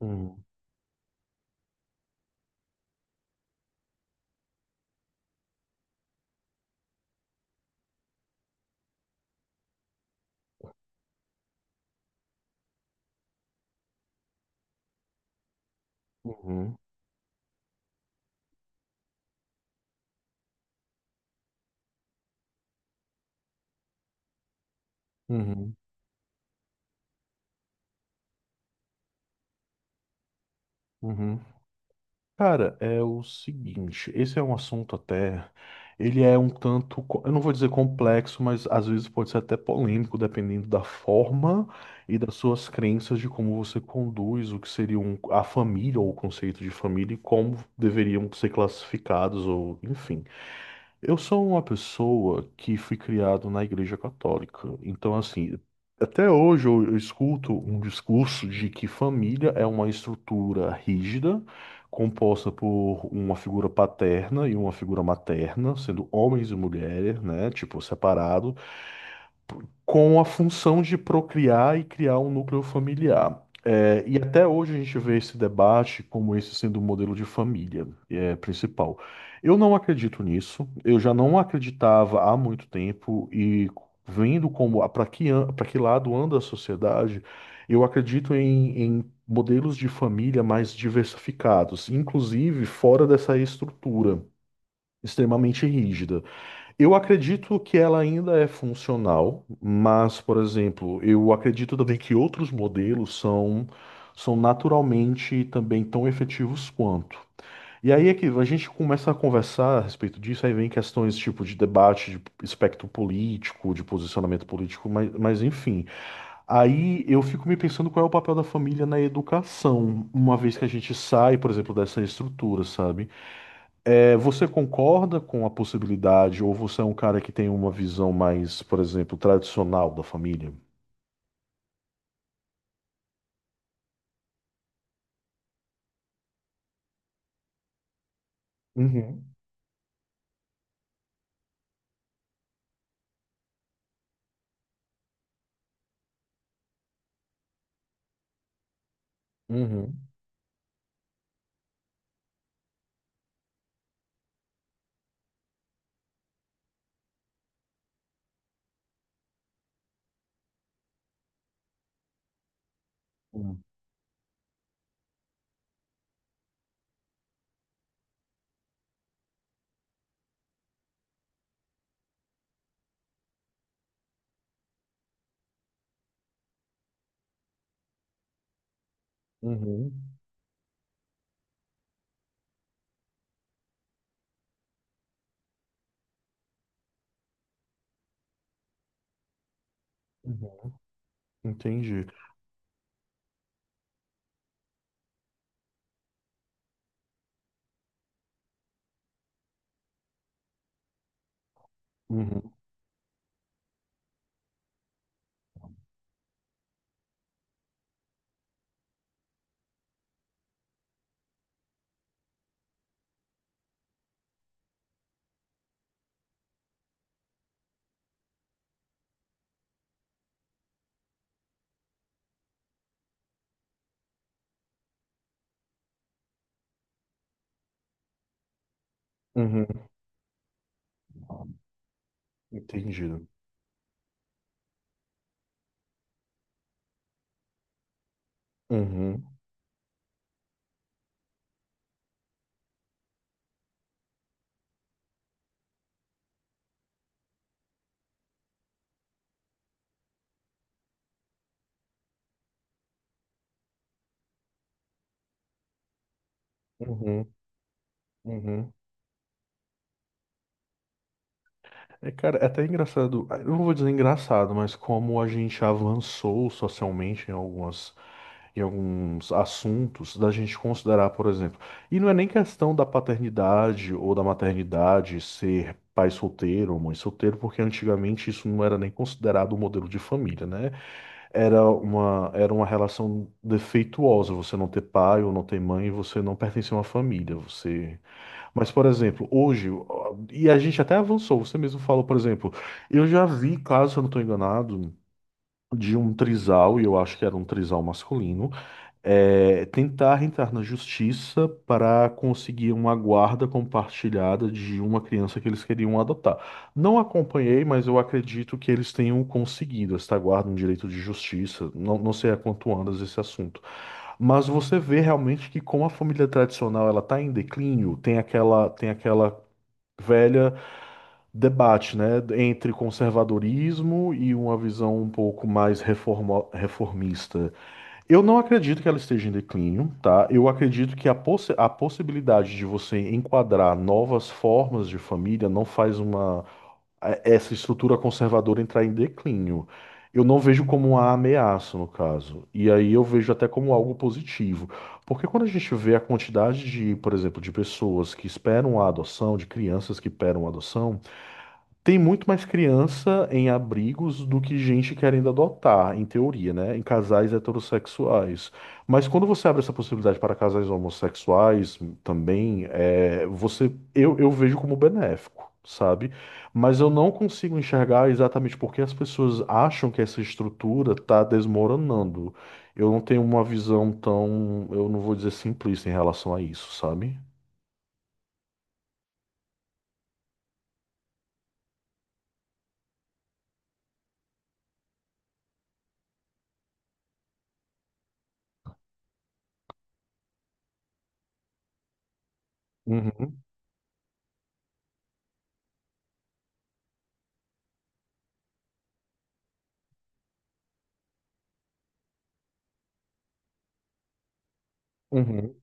Uhum, uhum, uhum, uhum. Cara, é o seguinte, esse é um assunto até, ele é um tanto, eu não vou dizer complexo, mas às vezes pode ser até polêmico, dependendo da forma e das suas crenças de como você conduz o que seria a família ou o conceito de família e como deveriam ser classificados ou enfim. Eu sou uma pessoa que fui criado na Igreja Católica. Então, assim, até hoje eu escuto um discurso de que família é uma estrutura rígida, composta por uma figura paterna e uma figura materna, sendo homens e mulheres, né, tipo, separados com a função de procriar e criar um núcleo familiar. É, e até hoje a gente vê esse debate como esse sendo o modelo de família é, principal. Eu não acredito nisso, eu já não acreditava há muito tempo e vendo como para que, lado anda a sociedade, eu acredito em modelos de família mais diversificados, inclusive fora dessa estrutura extremamente rígida. Eu acredito que ela ainda é funcional, mas, por exemplo, eu acredito também que outros modelos são naturalmente também tão efetivos quanto. E aí é que a gente começa a conversar a respeito disso, aí vem questões tipo de debate, de espectro político, de posicionamento político, mas enfim. Aí eu fico me pensando qual é o papel da família na educação, uma vez que a gente sai, por exemplo, dessa estrutura, sabe? É, você concorda com a possibilidade, ou você é um cara que tem uma visão mais, por exemplo, tradicional da família? Uhum, uhum, uhum, uhum, uhum. Entendi. Uhum, uhum. Entendido. Uhum, uhum, uhum. É, cara, é até engraçado, ah, eu não vou dizer engraçado, mas como a gente avançou socialmente em algumas, em alguns assuntos, da gente considerar, por exemplo, e não é nem questão da paternidade ou da maternidade ser pai solteiro ou mãe solteiro, porque antigamente isso não era nem considerado um modelo de família, né? Era uma relação defeituosa, você não ter pai ou não ter mãe, você não pertence a uma família, você Mas, por exemplo, hoje, ó, e a gente até avançou, você mesmo falou, por exemplo, eu já vi, caso eu não estou enganado, de um trisal, e eu acho que era um trisal masculino, é, tentar entrar na justiça para conseguir uma guarda compartilhada de uma criança que eles queriam adotar. Não acompanhei, mas eu acredito que eles tenham conseguido esta guarda, um direito de justiça. Não, não sei a quanto andas esse assunto. Mas você vê realmente que como a família tradicional ela está em declínio, tem aquela velha debate, né, entre conservadorismo e uma visão um pouco mais reformista. Eu não acredito que ela esteja em declínio, tá? Eu acredito que a possibilidade de você enquadrar novas formas de família não faz uma essa estrutura conservadora entrar em declínio. Eu não vejo como uma ameaça, no caso. E aí eu vejo até como algo positivo. Porque quando a gente vê a quantidade de, por exemplo, de pessoas que esperam a adoção, de crianças que esperam a adoção, tem muito mais criança em abrigos do que gente querendo adotar, em teoria, né? Em casais heterossexuais. Mas quando você abre essa possibilidade para casais homossexuais também, é, você, eu vejo como benéfico, sabe? Mas eu não consigo enxergar exatamente porque as pessoas acham que essa estrutura está desmoronando. Eu não tenho uma visão tão, eu não vou dizer simplista em relação a isso, sabe? Uhum, uhum,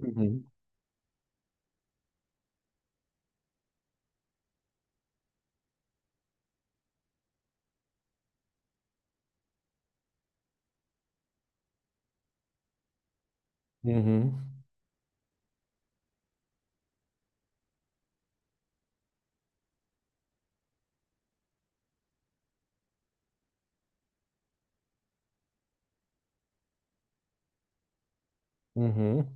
uhum, uhum, uhum,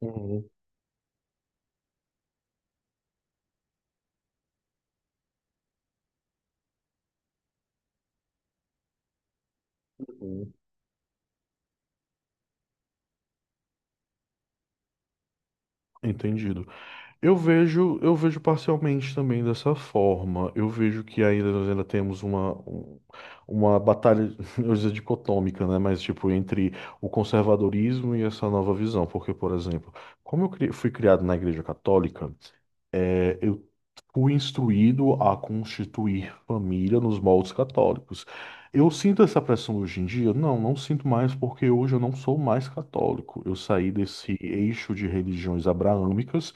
uhum. Hum. Entendido. Eu vejo parcialmente também dessa forma. Eu vejo que ainda nós ainda temos uma, uma batalha, eu ia dizer dicotômica, né? Mas tipo, entre o conservadorismo e essa nova visão. Porque, por exemplo, como eu fui criado na Igreja Católica, é, eu fui instruído a constituir família nos moldes católicos. Eu sinto essa pressão hoje em dia? Não, não sinto mais, porque hoje eu não sou mais católico. Eu saí desse eixo de religiões abraâmicas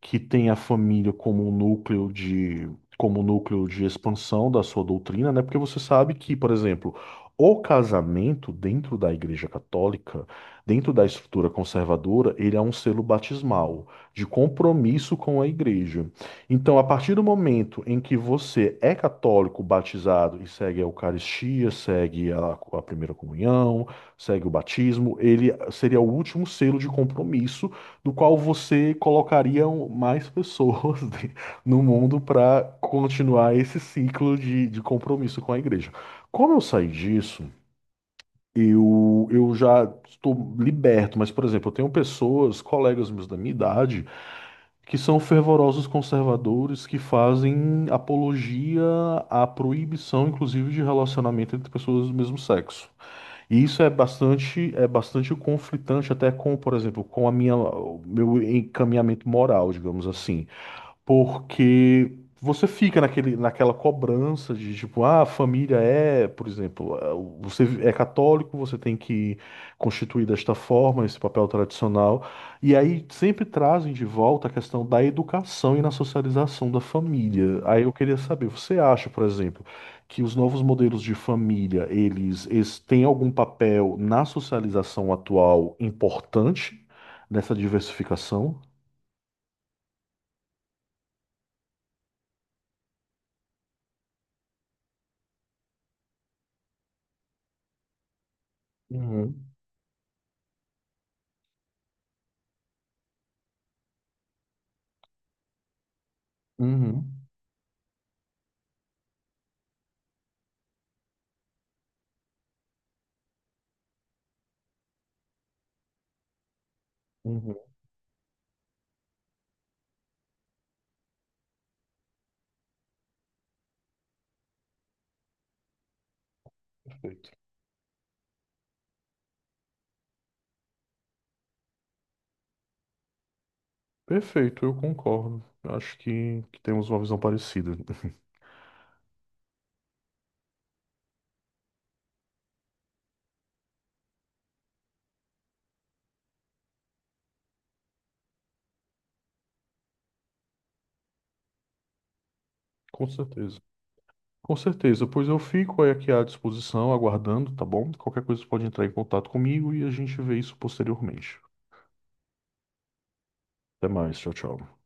que tem a família como um núcleo de como um núcleo de expansão da sua doutrina, né? Porque você sabe que, por exemplo, o casamento dentro da Igreja Católica, dentro da estrutura conservadora, ele é um selo batismal de compromisso com a Igreja. Então, a partir do momento em que você é católico, batizado e segue a Eucaristia, segue a primeira comunhão, segue o batismo, ele seria o último selo de compromisso do qual você colocaria mais pessoas no mundo para continuar esse ciclo de compromisso com a igreja. Como eu saí disso, eu já estou liberto, mas, por exemplo, eu tenho pessoas, colegas meus da minha idade, que são fervorosos conservadores que fazem apologia à proibição, inclusive, de relacionamento entre pessoas do mesmo sexo. E isso é bastante conflitante até com, por exemplo, com a minha, o meu encaminhamento moral, digamos assim. Porque você fica naquele, naquela cobrança de tipo, ah, a família é, por exemplo, ah, você é católico, você tem que constituir desta forma esse papel tradicional. E aí sempre trazem de volta a questão da educação e na socialização da família. Aí eu queria saber, você acha, por exemplo, que os novos modelos de família, eles têm algum papel na socialização atual importante nessa diversificação? Uhum, uhum, uhum. Perfeito, Perfeito, eu concordo. Acho que temos uma visão parecida. Com certeza. Com certeza, pois eu fico aí aqui à disposição, aguardando, tá bom? Qualquer coisa você pode entrar em contato comigo e a gente vê isso posteriormente. Até mais, tchau, tchau.